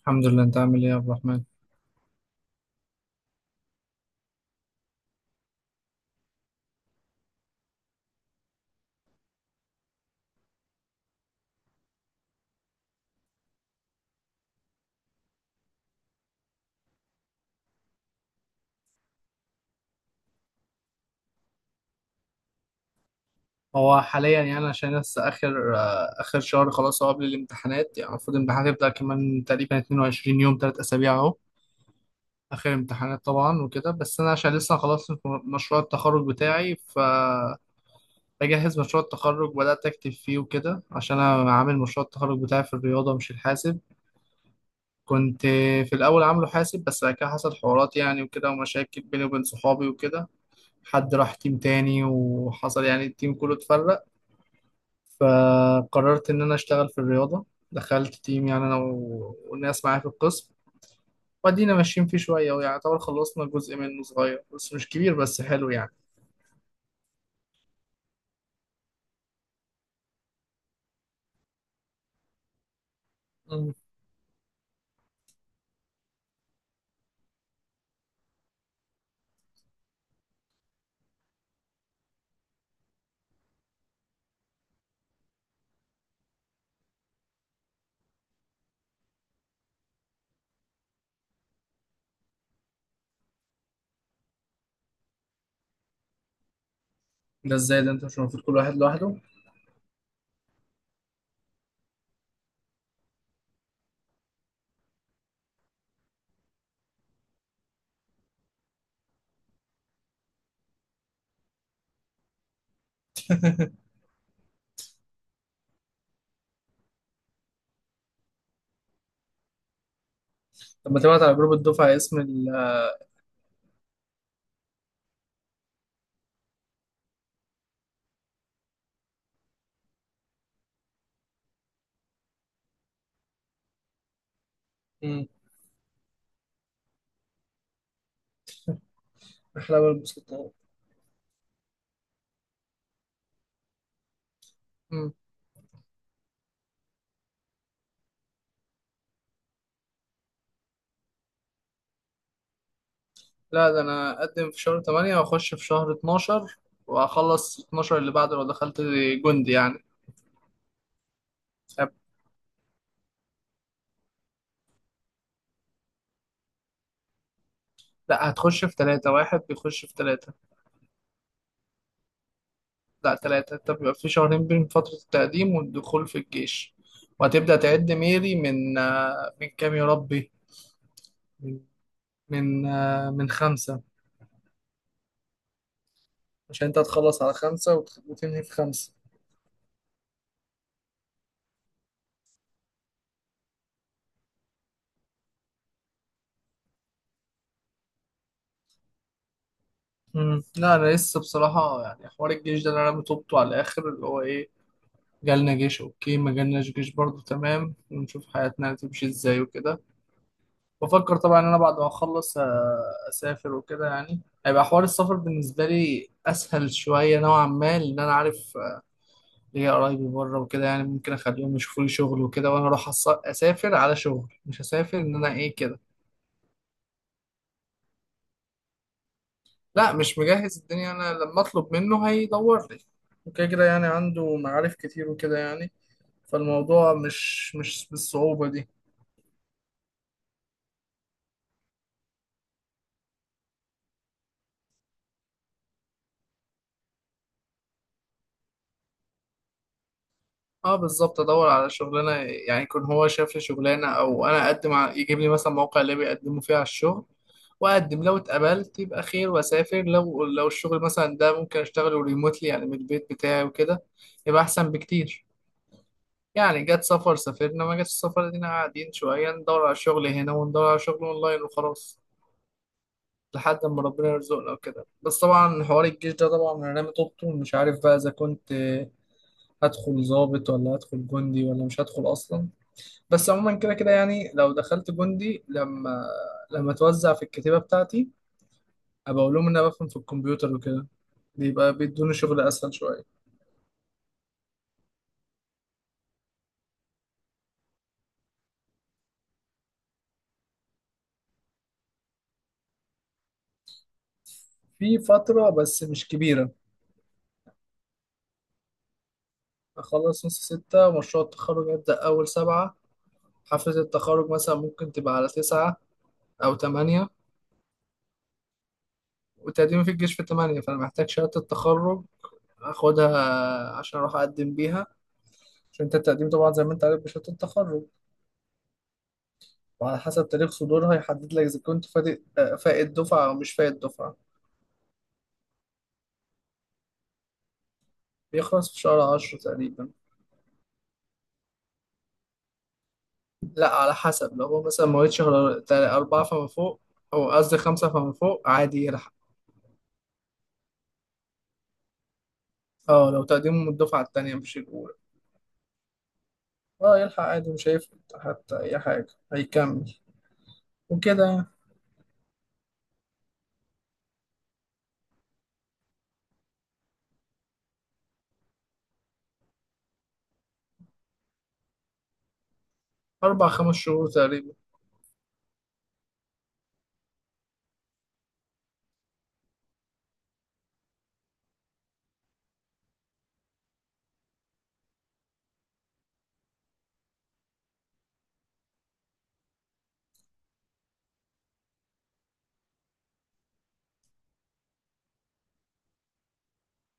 الحمد لله، انت عامل ايه يا عبد الرحمن؟ هو حاليا يعني عشان لسه اخر اخر شهر خلاص. هو قبل الامتحانات يعني المفروض الامتحانات هيبدأ كمان تقريبا 22 يوم، 3 اسابيع اهو اخر امتحانات طبعا وكده. بس انا عشان لسه خلاص مشروع التخرج بتاعي بجهز مشروع التخرج، بدأت اكتب فيه وكده عشان انا عامل مشروع التخرج بتاعي في الرياضة مش الحاسب. كنت في الاول عامله حاسب بس بعد كده حصل حوارات يعني وكده ومشاكل بيني وبين صحابي وكده، حد راح تيم تاني وحصل يعني التيم كله اتفرق. فقررت ان انا اشتغل في الرياضه، دخلت تيم يعني انا والناس معايا في القسم. وادينا ماشيين فيه شويه ويعتبر خلصنا جزء منه صغير بس مش كبير، بس حلو يعني. مم. ده ازاي ده؟ انت مش المفروض كل واحد لوحده؟ طب ما تبعت على جروب الدفعه اسم مم. احلى بقى البسطة. مم. لا ده انا اقدم في شهر 8 واخش في شهر 12، واخلص 12 اللي بعده لو دخلت جندي يعني. طب لا هتخش في 3، واحد بيخش في 3. لا ثلاثة. أنت بيبقى في شهرين بين فترة التقديم والدخول في الجيش. وهتبدأ تعد ميري من من كام يا ربي؟ من من من خمسة. عشان أنت هتخلص على خمسة وتنهي في خمسة. مم. لا أنا لسه بصراحة يعني حوار الجيش ده اللي أنا بتوبته على الآخر، اللي هو إيه، جالنا جيش أوكي، ما جالناش جيش برضه تمام، ونشوف حياتنا هتمشي إزاي وكده. بفكر طبعا إن أنا بعد ما أخلص أسافر وكده، يعني هيبقى حوار السفر بالنسبة لي أسهل شوية نوعا ما، لأن أنا عارف ليا قرايبي بره وكده يعني، ممكن اخليهم يشوفوا لي شغل وكده وانا اروح اسافر على شغل، مش هسافر ان انا ايه كده. لا مش مجهز الدنيا، انا لما اطلب منه هيدور لي وكده كده، يعني عنده معارف كتير وكده يعني. فالموضوع مش بالصعوبة دي. اه بالظبط، ادور على شغلانه، يعني يكون هو شاف لي شغلانه او انا اقدم يجيب لي مثلا موقع اللي بيقدموا فيه على الشغل، واقدم لو اتقبلت يبقى خير واسافر. لو الشغل مثلا ده ممكن اشتغله ريموتلي يعني من البيت بتاعي وكده، يبقى احسن بكتير. يعني جت سفر سافرنا، ما جاتش سفر دينا قاعدين شويه ندور على شغل هنا وندور على شغل اونلاين وخلاص، لحد ما ربنا يرزقنا وكده. بس طبعا حوار الجيش ده طبعا انا رامي طوبته، مش عارف بقى اذا كنت هدخل ضابط ولا هدخل جندي ولا مش هدخل اصلا. بس عموما كده كده يعني، لو دخلت جندي، لما اتوزع في الكتيبة بتاعتي، ابقى اقول لهم ان انا بفهم في الكمبيوتر وكده، بيبقى بيدوني شغل اسهل شوية. في فترة بس مش كبيرة. أخلص نص ستة ومشروع التخرج يبدأ أول سبعة. حفلة التخرج مثلا ممكن تبقى على تسعة أو تمانية. وتقديمي في الجيش في تمانية، فأنا محتاج شهادة التخرج أخدها عشان أروح أقدم بيها. عشان أنت التقديم طبعا زي ما أنت عارف بشهادة التخرج، وعلى حسب تاريخ صدورها يحدد لك إذا كنت فائت دفعة أو مش فائت دفعة. بيخلص في شهر عشرة تقريبا. لا على حسب، لو هو مثلا مواليد شهر أربعة فما فوق، أو قصدي خمسة فما فوق عادي يلحق. اه لو تقديمه من الدفعة التانية مش الأولى. اه يلحق عادي مش هيفرق حتى أي حاجة، هيكمل وكده يعني. أربع خمس شهور تقريبا.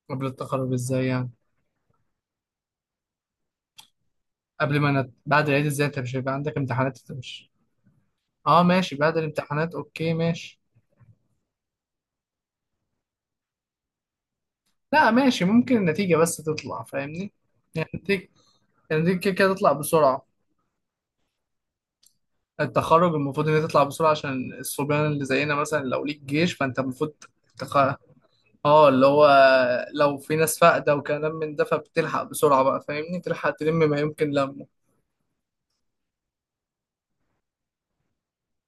قبل التخرج ازاي يعني؟ قبل ما نت... بعد العيد ازاي؟ انت مش هيبقى عندك امتحانات؟ انت مش... اه ماشي، بعد الامتحانات اوكي ماشي. لا ماشي، ممكن النتيجة بس تطلع فاهمني؟ يعني النتيجة، يعني النتيجة كده كده تطلع بسرعة. التخرج المفروض ان هي تطلع بسرعة عشان الصبيان اللي زينا مثلا، لو ليك جيش فانت المفروض تخ... اه اللي هو لو في ناس فاقدة وكلام من ده فبتلحق بسرعة بقى، فاهمني، تلحق تلم ما يمكن لمه.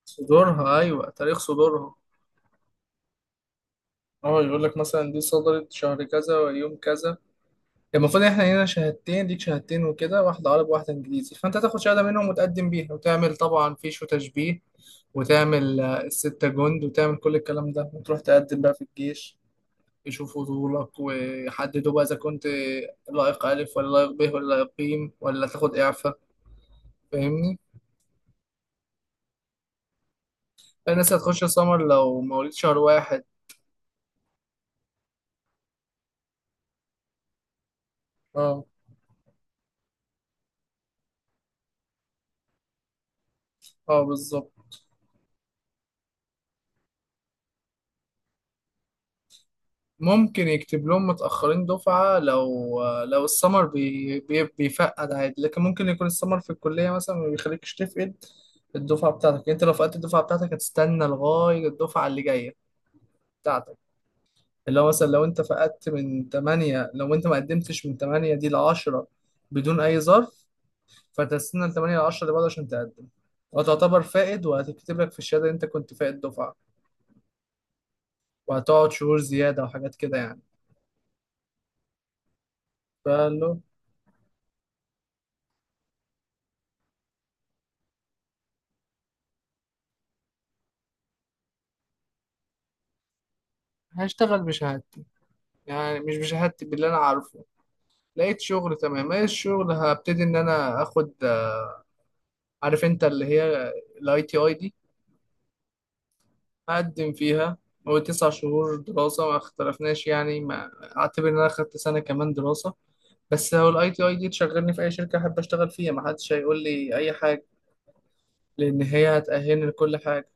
صدورها، ايوه تاريخ صدورها. اه يقول لك مثلا دي صدرت شهر كذا ويوم كذا. المفروض احنا هنا شهادتين، ليك شهادتين وكده، واحدة عربي وواحدة انجليزي، فانت تاخد شهادة منهم وتقدم بيها وتعمل طبعا فيش وتشبيه، وتعمل الستة جند، وتعمل كل الكلام ده وتروح تقدم بقى في الجيش، يشوفوا طولك ويحددوا بقى اذا كنت لائق الف ولا لائق ب ولا لائق ب ولا تاخد اعفاء. فاهمني. الناس هتخش سمر لو مواليد شهر واحد. اه. اه بالظبط. ممكن يكتب لهم متأخرين دفعة، لو السمر بي بيفقد عادي، لكن ممكن يكون السمر في الكلية مثلا ما بيخليكش تفقد الدفعة بتاعتك. يعني انت لو فقدت الدفعة بتاعتك هتستنى لغاية الدفعة اللي جاية بتاعتك. اللي هو مثلا لو انت فقدت من 8، لو انت ما قدمتش من 8 دي ل 10 بدون اي ظرف، فتستنى ل 8 ل 10 اللي بعده عشان تقدم، وتعتبر فائد وهتكتب لك في الشهادة ان انت كنت فائد دفعة، وهتقعد شهور زيادة وحاجات كده يعني. فقال له هشتغل بشهادتي، يعني مش بشهادتي، باللي انا عارفه. لقيت شغل تمام، ايه الشغل؟ هبتدي ان انا اخد، عارف انت اللي هي IT ID، هقدم فيها. هو تسع شهور دراسة، ما اختلفناش يعني، ما اعتبر ان انا اخدت سنة كمان دراسة. بس هو IT ID تشغلني في اي شركة احب اشتغل فيها، ما حدش هيقول لي اي حاجة، لان هي هتأهلني لكل حاجة،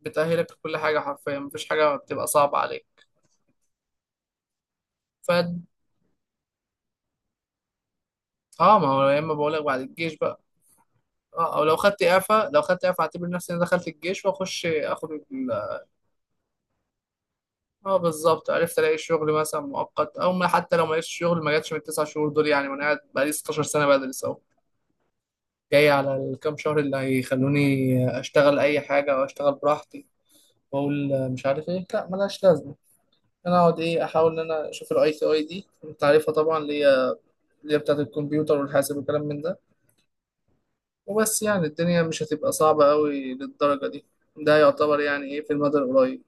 بتأهلك لكل حاجة حرفيا، مفيش حاجة بتبقى صعبة عليك. ف اه ما هو يا اما بقولك بعد الجيش بقى، اه او لو خدت اعفاء، لو خدت اعفاء اعتبر نفسي انا دخلت الجيش، واخش اخد اه بالظبط، عرفت الاقي شغل مثلا مؤقت او ما، حتى لو ما لقيتش شغل ما جاتش من التسع شهور دول يعني، وانا قاعد بقالي 16 سنه بدرس اهو، جاي على الكام شهر اللي هيخلوني اشتغل اي حاجه او اشتغل براحتي، واقول مش عارف ايه، لا ملهاش لازمه، انا اقعد ايه، احاول ان انا اشوف IT ID. انت عارفها طبعا، اللي هي اللي هي بتاعت الكمبيوتر والحاسب والكلام من ده. وبس يعني الدنيا مش هتبقى صعبه قوي للدرجه دي، ده يعتبر يعني ايه في المدى القريب.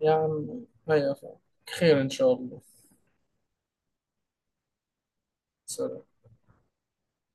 يا عم أيوة فعلا، خير إن شاء الله. سلام.